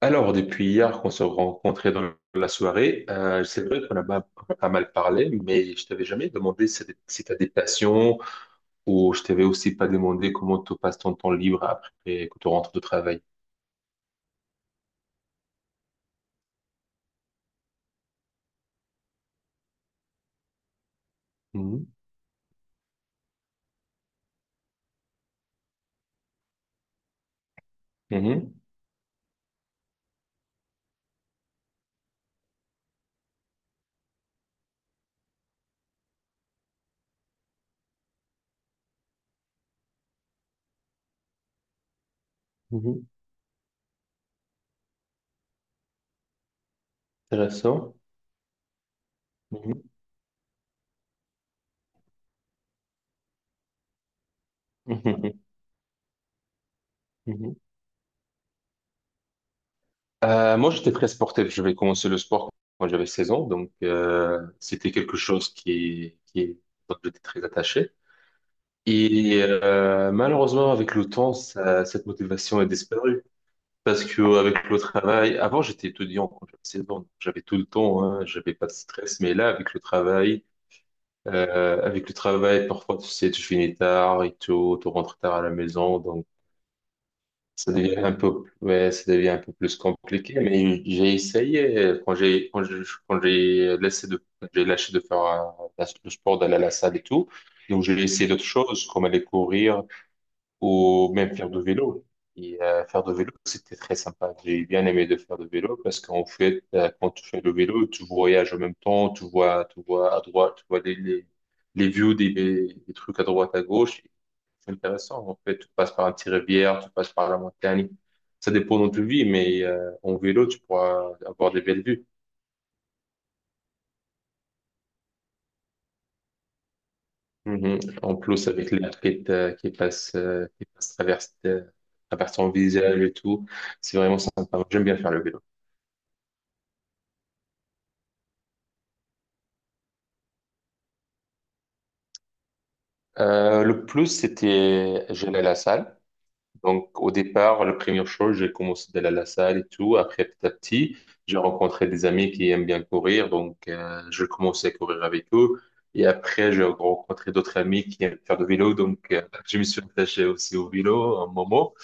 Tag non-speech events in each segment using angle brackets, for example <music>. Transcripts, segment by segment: Alors, depuis hier qu'on s'est rencontrés dans la soirée, c'est vrai qu'on a pas mal parlé, mais je t'avais jamais demandé si tu as des passions ou je t'avais aussi pas demandé comment tu passes ton temps libre après que tu rentres de travail. Mhm, mhm, mhm. Intéressant. Mhm, mhm, mhm. Moi, j'étais très sportif. J'avais commencé le sport quand j'avais 16 ans, donc c'était quelque chose qui dont j'étais très attaché. Et malheureusement, avec le temps, cette motivation est disparue. Parce que avec le travail, avant j'étais étudiant quand j'avais 16 ans, donc j'avais tout le temps, hein, j'avais pas de stress. Mais là, avec le travail, parfois tu sais, tu finis tard et tout, tu rentres tard à la maison, donc ça devient un peu, ouais, ça devient un peu plus compliqué. Mais j'ai essayé quand j'ai, quand j'ai, quand j'ai laissé de, j'ai lâché de faire le sport, d'aller à la salle et tout. Donc j'ai essayé d'autres choses, comme aller courir, ou même faire du vélo. Faire du vélo, c'était très sympa. J'ai bien aimé de faire du vélo parce qu'en fait, quand tu fais le vélo, tu voyages en même temps, tu vois à droite, tu vois les views des trucs à droite, à gauche. C'est intéressant. En fait, tu passes par un petit rivière, tu passes par la montagne. Ça dépend de tu vis, mais en vélo, tu pourras avoir des belles vues. Mhm. En plus, avec l'air qui, est, qui passe traverse ton visage et tout, c'est vraiment sympa. J'aime bien faire le vélo. Le plus, c'était, j'allais à la salle. Donc, au départ, la première chose, j'ai commencé d'aller à la salle et tout. Après, petit à petit, j'ai rencontré des amis qui aiment bien courir. Donc, je commençais à courir avec eux. Et après, j'ai rencontré d'autres amis qui aiment faire du vélo. Donc, je me suis attaché aussi au vélo un moment.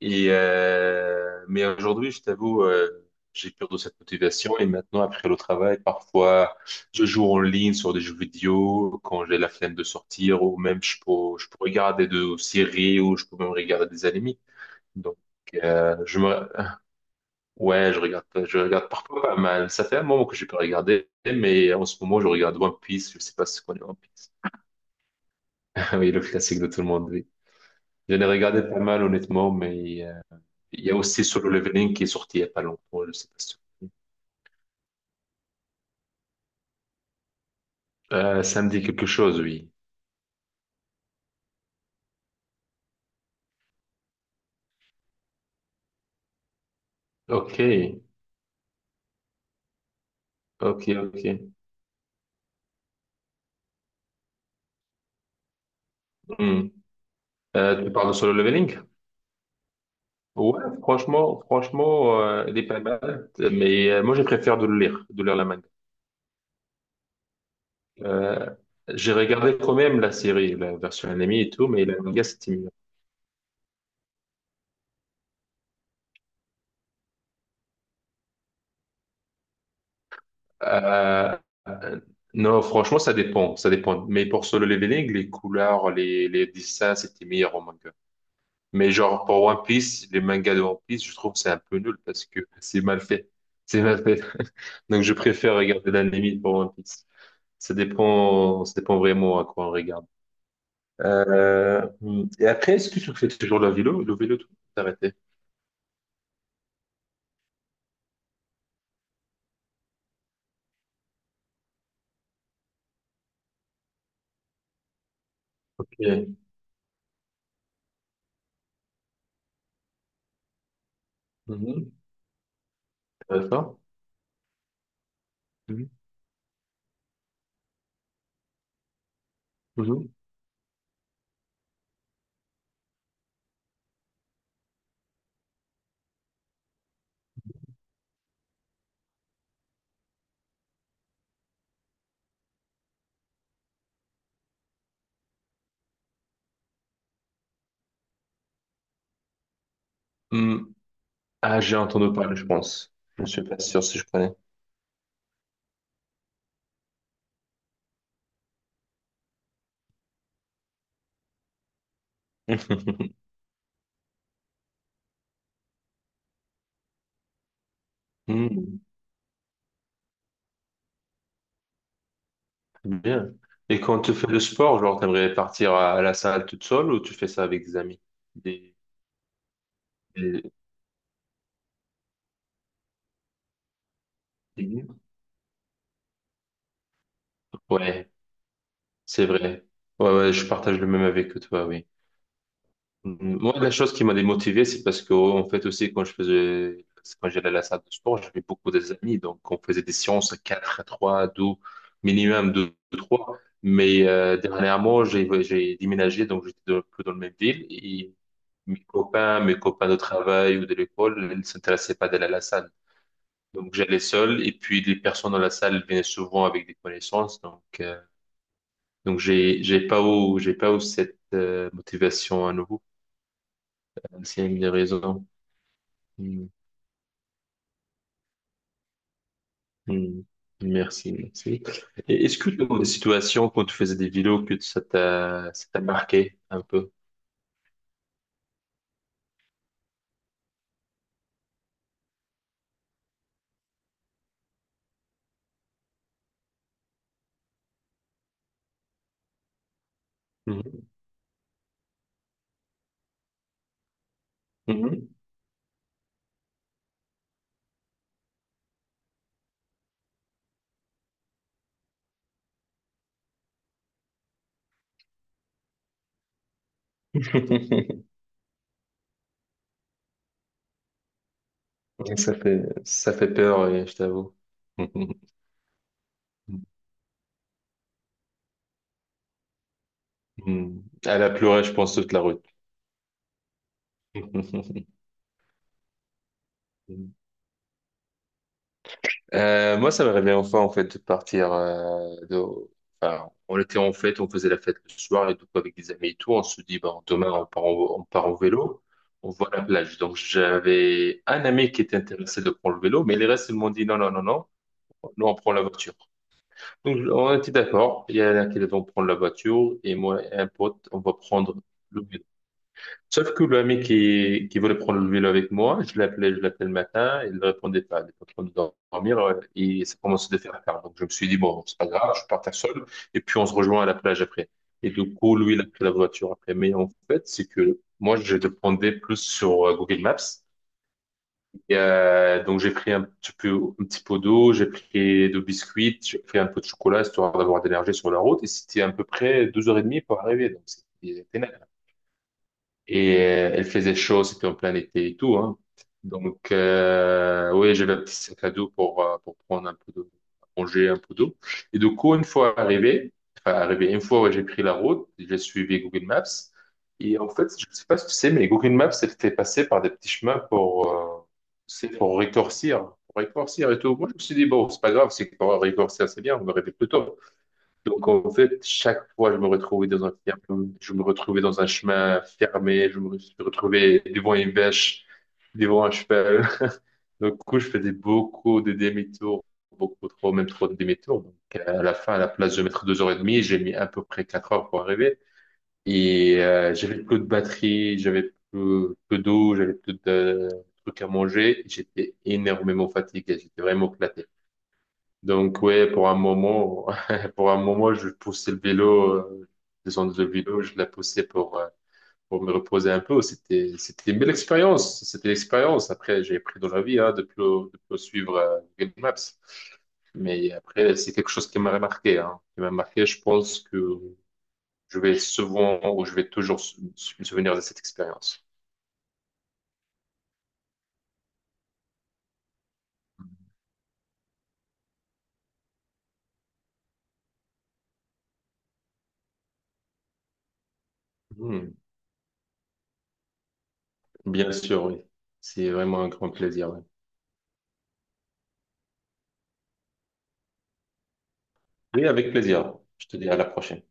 Mais aujourd'hui, je t'avoue, j'ai perdu cette motivation. Et maintenant, après le travail, parfois, je joue en ligne sur des jeux vidéo quand j'ai la flemme de sortir ou même je peux regarder des séries ou je peux même regarder des animés. Donc, euh, je me, ouais, je regarde parfois pas mal. Ça fait un moment que je peux regarder mais en ce moment, je regarde One Piece. Je sais pas si tu connais One Piece. <laughs> Oui, le classique de tout le monde, oui. J'en ai regardé pas mal, honnêtement, mais il y a aussi Solo Leveling qui est sorti il y a pas longtemps. Je sais pas si tu connais. Ça me dit quelque chose, oui. Ok, ok, ok. Hmm. Tu parles de Solo Leveling? Ouais, franchement, il est pas mal, mais moi je préfère de le lire, de lire la manga. Euh, j'ai regardé quand même la série, la version animée et tout, mais la manga c'était mieux. Euh, euh, non, franchement, ça dépend. Mais pour Solo Leveling, les couleurs, les dessins, c'était meilleur en manga. Mais genre pour One Piece, les mangas de One Piece, je trouve que c'est un peu nul parce que <laughs> c'est mal fait, c'est mal fait. <laughs> Donc je préfère regarder l'anime pour One Piece. Ça dépend vraiment à quoi on regarde. Euh, et après, est-ce que tu fais toujours le vélo, tout arrêté? Ok. Mhm. Intéressant. Mhm. Mhm. Mhm. Ah, j'ai entendu parler, je pense. Je ne suis pas sûr si je connais. <laughs> Mhm. Bien. Et quand tu fais le sport, genre, t'aimerais partir à la salle toute seule ou tu fais ça avec des amis? Des, des- des- Ouais, c'est vrai. Ouais, ouais, je partage le même avec toi, oui. Mm, moi, la chose qui m'a démotivé, c'est parce que, en fait, aussi, quand j'allais à la salle de sport, j'avais beaucoup des amis. Donc, on faisait des séances à 4, à 3, à 2, minimum 2, 3. Mais dernièrement, j'ai déménagé, donc j'étais plus dans la même ville. Et mes copains de travail ou de l'école, ils ne s'intéressaient pas d'aller à la salle. Donc, j'allais seul. Et puis, les personnes dans la salle venaient souvent avec des connaissances. Donc, j'ai pas eu cette motivation à nouveau. C'est une des raisons. Mm, mm. Merci, merci. Et est-ce que tu as des situations quand tu faisais des vidéos que ça t'a marqué un peu? Mhm. Mhm. <laughs> Ça fait Ça fait peur, je t'avoue. <laughs> Mm. Elle a pleuré, je pense, toute la route. <laughs> Moi, ça m'aurait bien enfin, en fait, enfin, on était en fête, on faisait la fête le soir et tout, avec des amis et tout. On se dit, bon, demain, on part en vélo, on voit la plage. Donc, j'avais un ami qui était intéressé de prendre le vélo, mais les restes, ils m'ont dit, non, non, non, non, nous, on prend la voiture. Donc, on était d'accord. Il y en a qui vont prendre la voiture et moi et un pote, on va prendre le vélo. Sauf que le mec qui voulait prendre le vélo avec moi, je l'appelais le matin, il ne répondait pas, il était en train de dormir, et ça commençait de faire tard. Donc je me suis dit, bon, c'est pas grave, je partais seul, et puis on se rejoint à la plage après. Et du coup, lui, il a pris la voiture après. Mais en fait, c'est que moi, je dépendais plus sur Google Maps. Donc j'ai pris un petit pot d'eau, j'ai pris deux biscuits, j'ai pris un peu de chocolat, histoire d'avoir de l'énergie sur la route, et c'était à peu près 2 heures et demie pour arriver. Donc c'était et Elle faisait chaud, c'était en plein été et tout, hein. Donc, oui, j'avais un petit sac à dos pour prendre un peu d'eau, à manger un peu d'eau. Et du coup, une fois arrivé, enfin, arrivé, une fois, ouais, j'ai pris la route, j'ai suivi Google Maps. Et en fait, je ne sais pas si tu sais, mais Google Maps, elle fait passer par des petits chemins c'est pour rétorcir et tout. Moi, je me suis dit, bon, c'est pas grave, c'est pour rétorcir, c'est bien, on me réveille plus tôt. Donc en fait, chaque fois, je me retrouvais dans un ferme, je me retrouvais dans un chemin fermé, je me suis retrouvé devant une vache, devant un cheval. <laughs> Donc, du coup, je faisais beaucoup de demi-tours, beaucoup trop, même trop de demi-tours. Donc, à la fin, à la place de mettre 2 heures et demie, j'ai mis à peu près 4 heures pour arriver. J'avais plus de batterie, j'avais plus, peu d'eau, j'avais plus de trucs à manger. J'étais énormément fatigué, j'étais vraiment éclaté. Donc, ouais, <laughs> pour un moment, je poussais le vélo, je la poussais pour me reposer un peu. C'était une belle expérience. C'était l'expérience. Après, j'ai appris dans la vie, hein, de plus suivre, Google Maps. Mais après, c'est quelque chose qui m'a marqué, hein, qui m'a marqué. Je pense que je vais souvent ou je vais toujours me souvenir de cette expérience. Hmm, bien sûr, oui. C'est vraiment un grand plaisir. Oui, oui, avec plaisir. Je te dis à la prochaine.